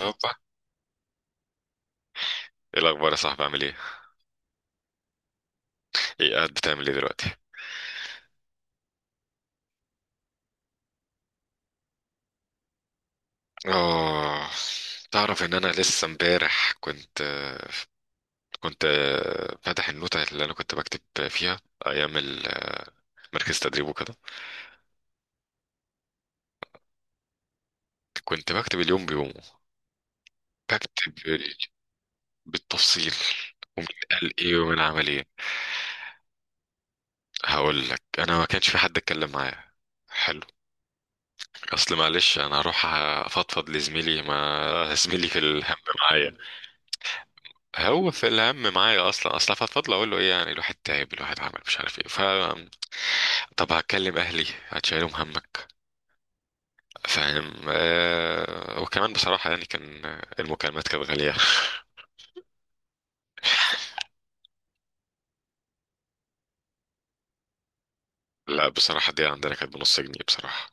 هوبا. ايه الاخبار يا صاحبي؟ عامل ايه؟ ايه قاعد بتعمل ايه دلوقتي؟ اه، تعرف ان انا لسه امبارح كنت فاتح النوتة اللي انا كنت بكتب فيها ايام مركز تدريب وكده. كنت بكتب اليوم بيومه، بكتب بالتفصيل، ومين قال ايه ومين عمل ايه. هقول لك انا ما كانش في حد اتكلم معايا. حلو. اصل معلش انا هروح افضفض لزميلي ما زميلي في الهم معايا. هو في الهم معايا اصلا، اصلا فضل اقول له ايه؟ يعني الواحد تعب، الواحد عمل مش عارف ايه. ف طب هكلم اهلي هتشيلهم همك؟ فاهم؟ آه، وكمان بصراحه يعني كان المكالمات كانت غاليه. لا بصراحه دي عندنا كانت بنص جنيه بصراحه.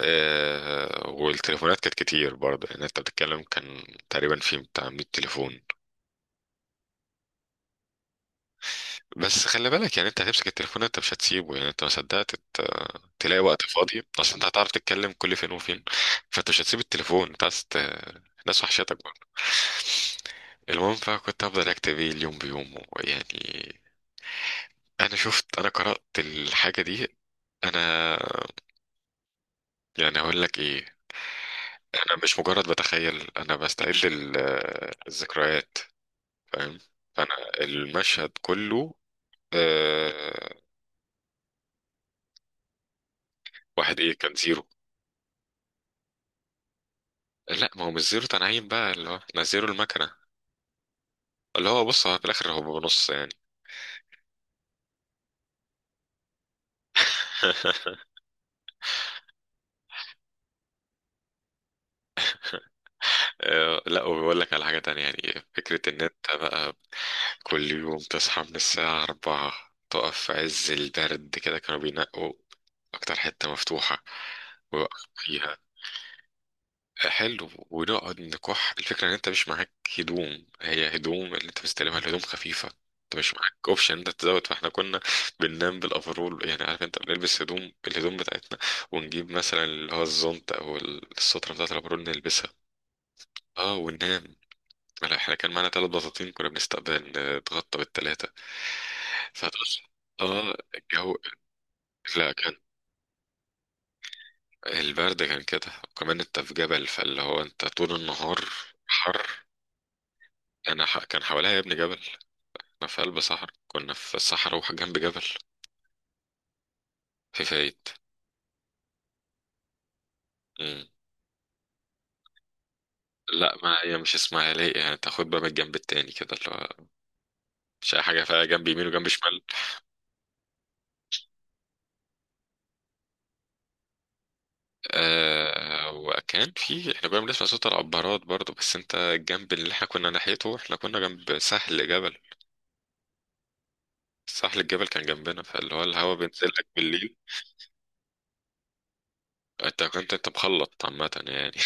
آه والتليفونات كانت كتير برضه، يعني انت بتتكلم كان تقريبا في بتاع 100 تليفون. بس خلي بالك، يعني انت هتمسك التليفون انت مش هتسيبه، يعني انت ما صدقت تلاقي وقت فاضي، اصل انت هتعرف تتكلم كل فين وفين. فانت مش هتسيب التليفون، انت عايز الناس وحشتك برضه. المهم فكنت هفضل اكتب ايه اليوم بيومه يعني. انا شفت، انا قرأت الحاجة دي. انا يعني هقول لك ايه، انا مش مجرد بتخيل، انا بستعد الذكريات. فاهم؟ فانا المشهد كله آه، واحد ايه كان زيرو؟ لا ما هو مش زيرو تنعيم بقى، اللي هو احنا زيرو المكنة، اللي هو بص هو في الآخر هو بنص يعني. آه، لا وبيقول لك على حاجة تانية، يعني فكرة إن أنت بقى كل يوم تصحى من الساعة أربعة، تقف في عز البرد كده، كانوا بينقوا أكتر حتة مفتوحة ويوقف فيها. حلو، ونقعد نكح الفكرة ان انت مش معاك هدوم، هي هدوم اللي انت مستلمها الهدوم خفيفة، انت مش معاك اوبشن انت تزود. فاحنا كنا بننام بالافرول، يعني عارف انت بنلبس هدوم، الهدوم بتاعتنا، ونجيب مثلا اللي هو الزونت او السترة بتاعت الافرول نلبسها. اه وننام. لا، احنا كان معانا ثلاث بساطين، كنا بنستقبل نتغطى بالثلاثة. فتقص. اه الجو، لا كان البرد كان كده، وكمان انت في جبل، فاللي هو انت طول النهار حر. كان حواليها يا ابني جبل، احنا في قلب صحراء، كنا في الصحراء وجنب جبل. في فايد. مم. لا ما هي مش اسمها ليه، يعني تاخد بقى من الجنب التاني كده اللي هو مش اي حاجه، فيها جنب يمين وجنب شمال. آه وكان في، احنا كنا بنسمع صوت العبارات برضو، بس انت الجنب اللي احنا كنا ناحيته احنا كنا جنب ساحل جبل. ساحل الجبل كان جنبنا، فاللي هو الهوا بينزل لك بالليل. انت كنت انت مخلط عامه يعني.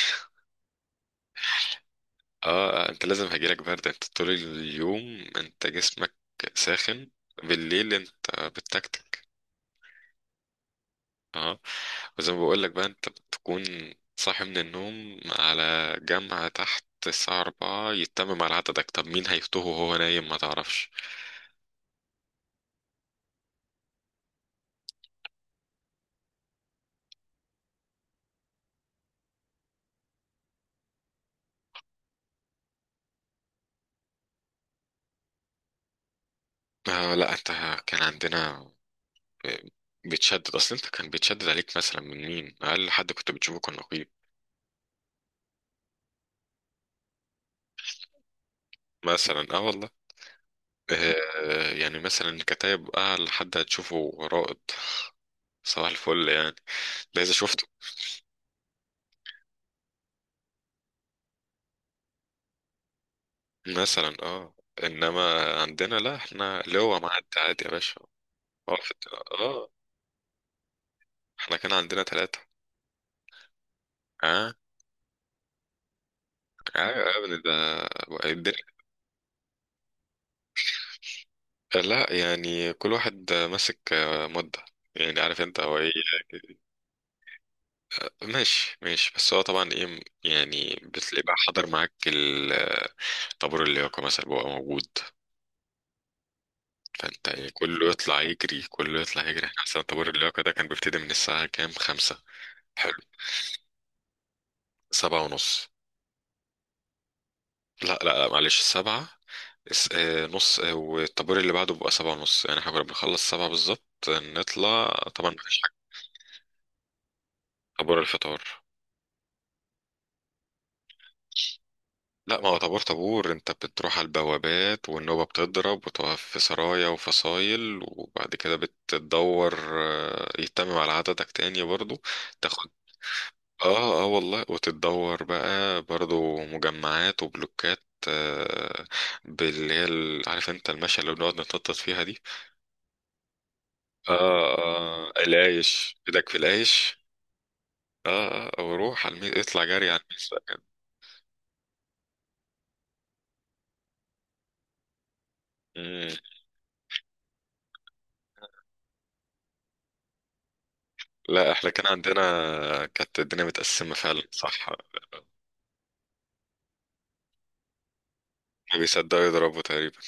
اه آه، انت لازم هيجيلك برد، انت طول اليوم انت جسمك ساخن، بالليل انت بتكتك. اه. وزي ما بقولك بقى انت بتكون صاحي من النوم على جامعة تحت الساعة أربعة، يتمم على عددك. طب مين هيفطوه وهو نايم؟ ما تعرفش. آه لا انت كان عندنا بتشدد، اصل انت كان بيتشدد عليك مثلا، من مين اقل حد كنت بتشوفه كان نقيب مثلا. اه والله. آه يعني مثلا كتايب اقل حد هتشوفه رائد. صباح الفل يعني ده اذا شفته. مثلا اه. انما عندنا لا احنا اللي هو معدي عادي يا باشا. اه في اه، احنا كان عندنا ثلاثة. اه. ايوه يا ابني ده الدنيا. لا يعني كل واحد ماسك آه، مدة، يعني عارف انت هو ايه. ماشي ماشي، بس هو طبعا ايه يعني، بتلاقي بقى حضر معاك طابور اللياقة مثلا بيبقى موجود. فانت يعني كله يطلع يجري، كله يطلع يجري. احنا اصلا طابور اللياقة ده كان بيبتدي من الساعة كام؟ خمسة. حلو. سبعة ونص. لا لا لا معلش، السبعة آه، نص آه، والطابور اللي بعده بيبقى سبعة ونص، يعني احنا كنا بنخلص سبعة بالظبط، نطلع. طبعا مفيش حاجة. طابور الفطار. لا ما هو طابور طابور، انت بتروح على البوابات والنوبة بتضرب، وتقف في سرايا وفصايل، وبعد كده بتدور آه، يتمم على عددك تاني برضو. تاخد اه اه والله، وتدور بقى برضو مجمعات وبلوكات آه، باللي هي عارف انت، المشي اللي بنقعد نتنطط فيها دي. آه آه، العيش إيدك في العيش. آه آه وروح على الميز، اطلع جري على الميز بقى كده. مم. لا احنا كان عندنا كانت الدنيا متقسمة فعلا، صح. ما بيصدقوا يضربوا تقريبا.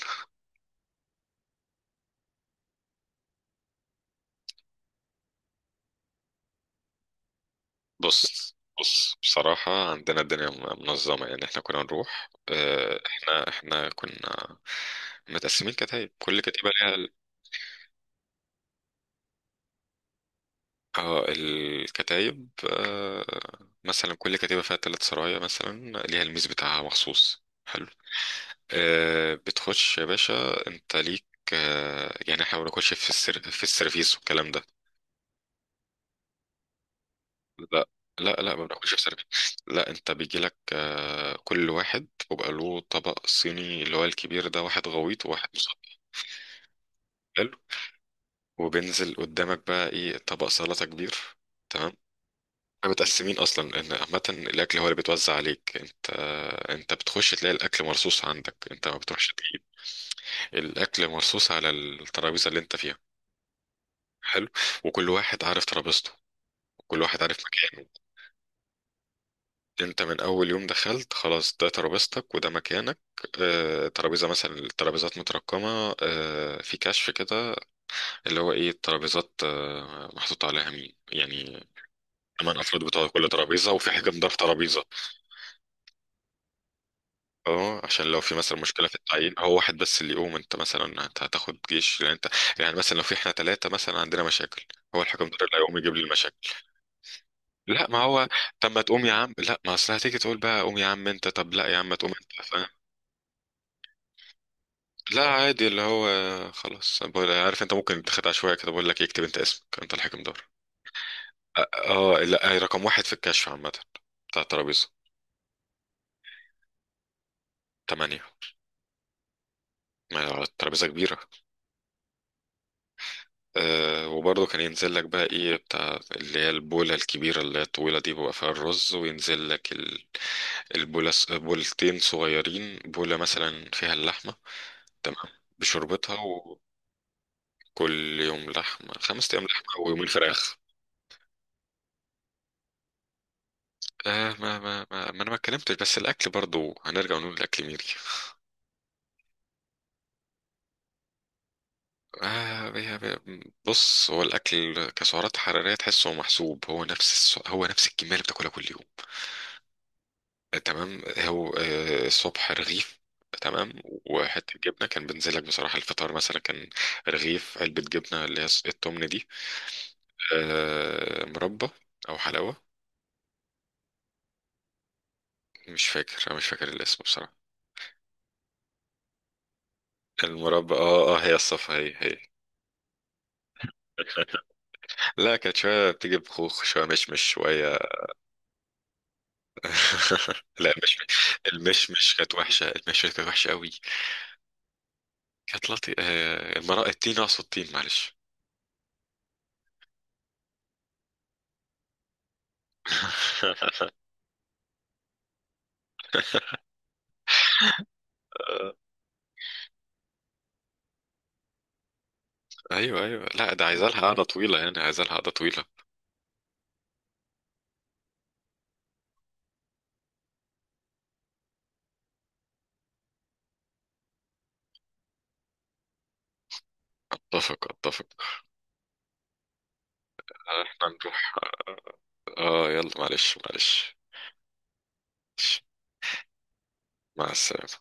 بص بص بصراحة عندنا الدنيا منظمة يعني. احنا كنا نروح آه، احنا كنا متقسمين كتايب، كل كتيبة ليها اه الكتايب آه، مثلا كل كتيبة فيها تلات سرايا مثلا، ليها الميز بتاعها مخصوص. حلو. آه، بتخش يا باشا انت ليك آه، يعني احنا ما بناخدش في في السيرفيس والكلام ده. لا لا لا ما بناخدش في السيرفيس. لا انت بيجي لك آه، كل واحد وبقى له طبق صيني، اللي هو الكبير ده واحد غويط وواحد مصغر. حلو. وبينزل قدامك بقى ايه، طبق سلطة كبير. تمام. احنا متقسمين اصلا ان عامة الاكل هو اللي بيتوزع عليك انت. انت بتخش تلاقي الاكل مرصوص عندك، انت ما بتروحش تجيب. الاكل مرصوص على الترابيزة اللي انت فيها. حلو. وكل واحد عارف ترابيزته، كل واحد عارف مكانه. انت من اول يوم دخلت خلاص ده ترابيزتك وده مكانك. آه، ترابيزه مثلا، الترابيزات مترقمه آه، في كشف كده، اللي هو ايه، الترابيزات آه، محطوط عليها مين يعني. ثمان افراد بتوع كل ترابيزه، وفي حاجه مدار ترابيزه. اه، عشان لو في مثلا مشكله في التعيين، هو واحد بس اللي يقوم، انت مثلا انت هتاخد جيش لان انت، يعني مثلا لو في، احنا ثلاثه مثلا عندنا مشاكل، هو الحكم ده اللي هيقوم يجيب لي. لا ما هو طب ما تقوم يا عم، لا ما اصل هتيجي تقول بقى قوم يا عم انت، طب لا يا عم ما تقوم انت، فاهم. لا عادي اللي هو خلاص عارف انت ممكن تخدع شويه كده بقول لك اكتب انت اسمك، انت الحكم دور. اه. آه، لا هي رقم واحد في الكشف عامه بتاع الترابيزه. تمانية. ما هي الترابيزه كبيره. أه وبرضه كان ينزل لك بقى ايه، بتاع اللي هي البوله الكبيره اللي هي الطويله دي بيبقى فيها الرز، وينزل لك البوله، بولتين صغيرين، بوله مثلا فيها اللحمه، تمام، بشوربتها. كل يوم لحمة، خمس أيام لحمة ويومين فراخ. آه ما أنا ما اتكلمتش، بس الأكل برضو هنرجع ونقول الأكل ميري. آه بي بي بص هو الأكل كسعرات حرارية تحسه محسوب، هو نفس هو نفس الكمية اللي بتاكلها كل يوم. آه، تمام. هو آه، الصبح رغيف، تمام، وحتة جبنة. كان بنزلك بصراحة الفطار مثلا كان رغيف، علبة جبنة اللي هي التمن دي، آه مربى أو حلاوة. مش فاكر، أنا مش فاكر الاسم بصراحة. المربى اه اه هي الصفا، هي هي. لا كانت شوية بتيجي بخوخ، شوية مشمش، شوية. لا مش، المشمش كانت وحشة، المشمش كانت وحشة قوي. كانت لطي آه، المرأة التين، أقصد التين معلش. أيوه أيوه، لا ده عايزة لها قعدة طويلة يعني، عايزة لها قعدة طويلة. أتفق أتفق. آه، احنا نروح. اه يلا معلش معلش. مع السلامة.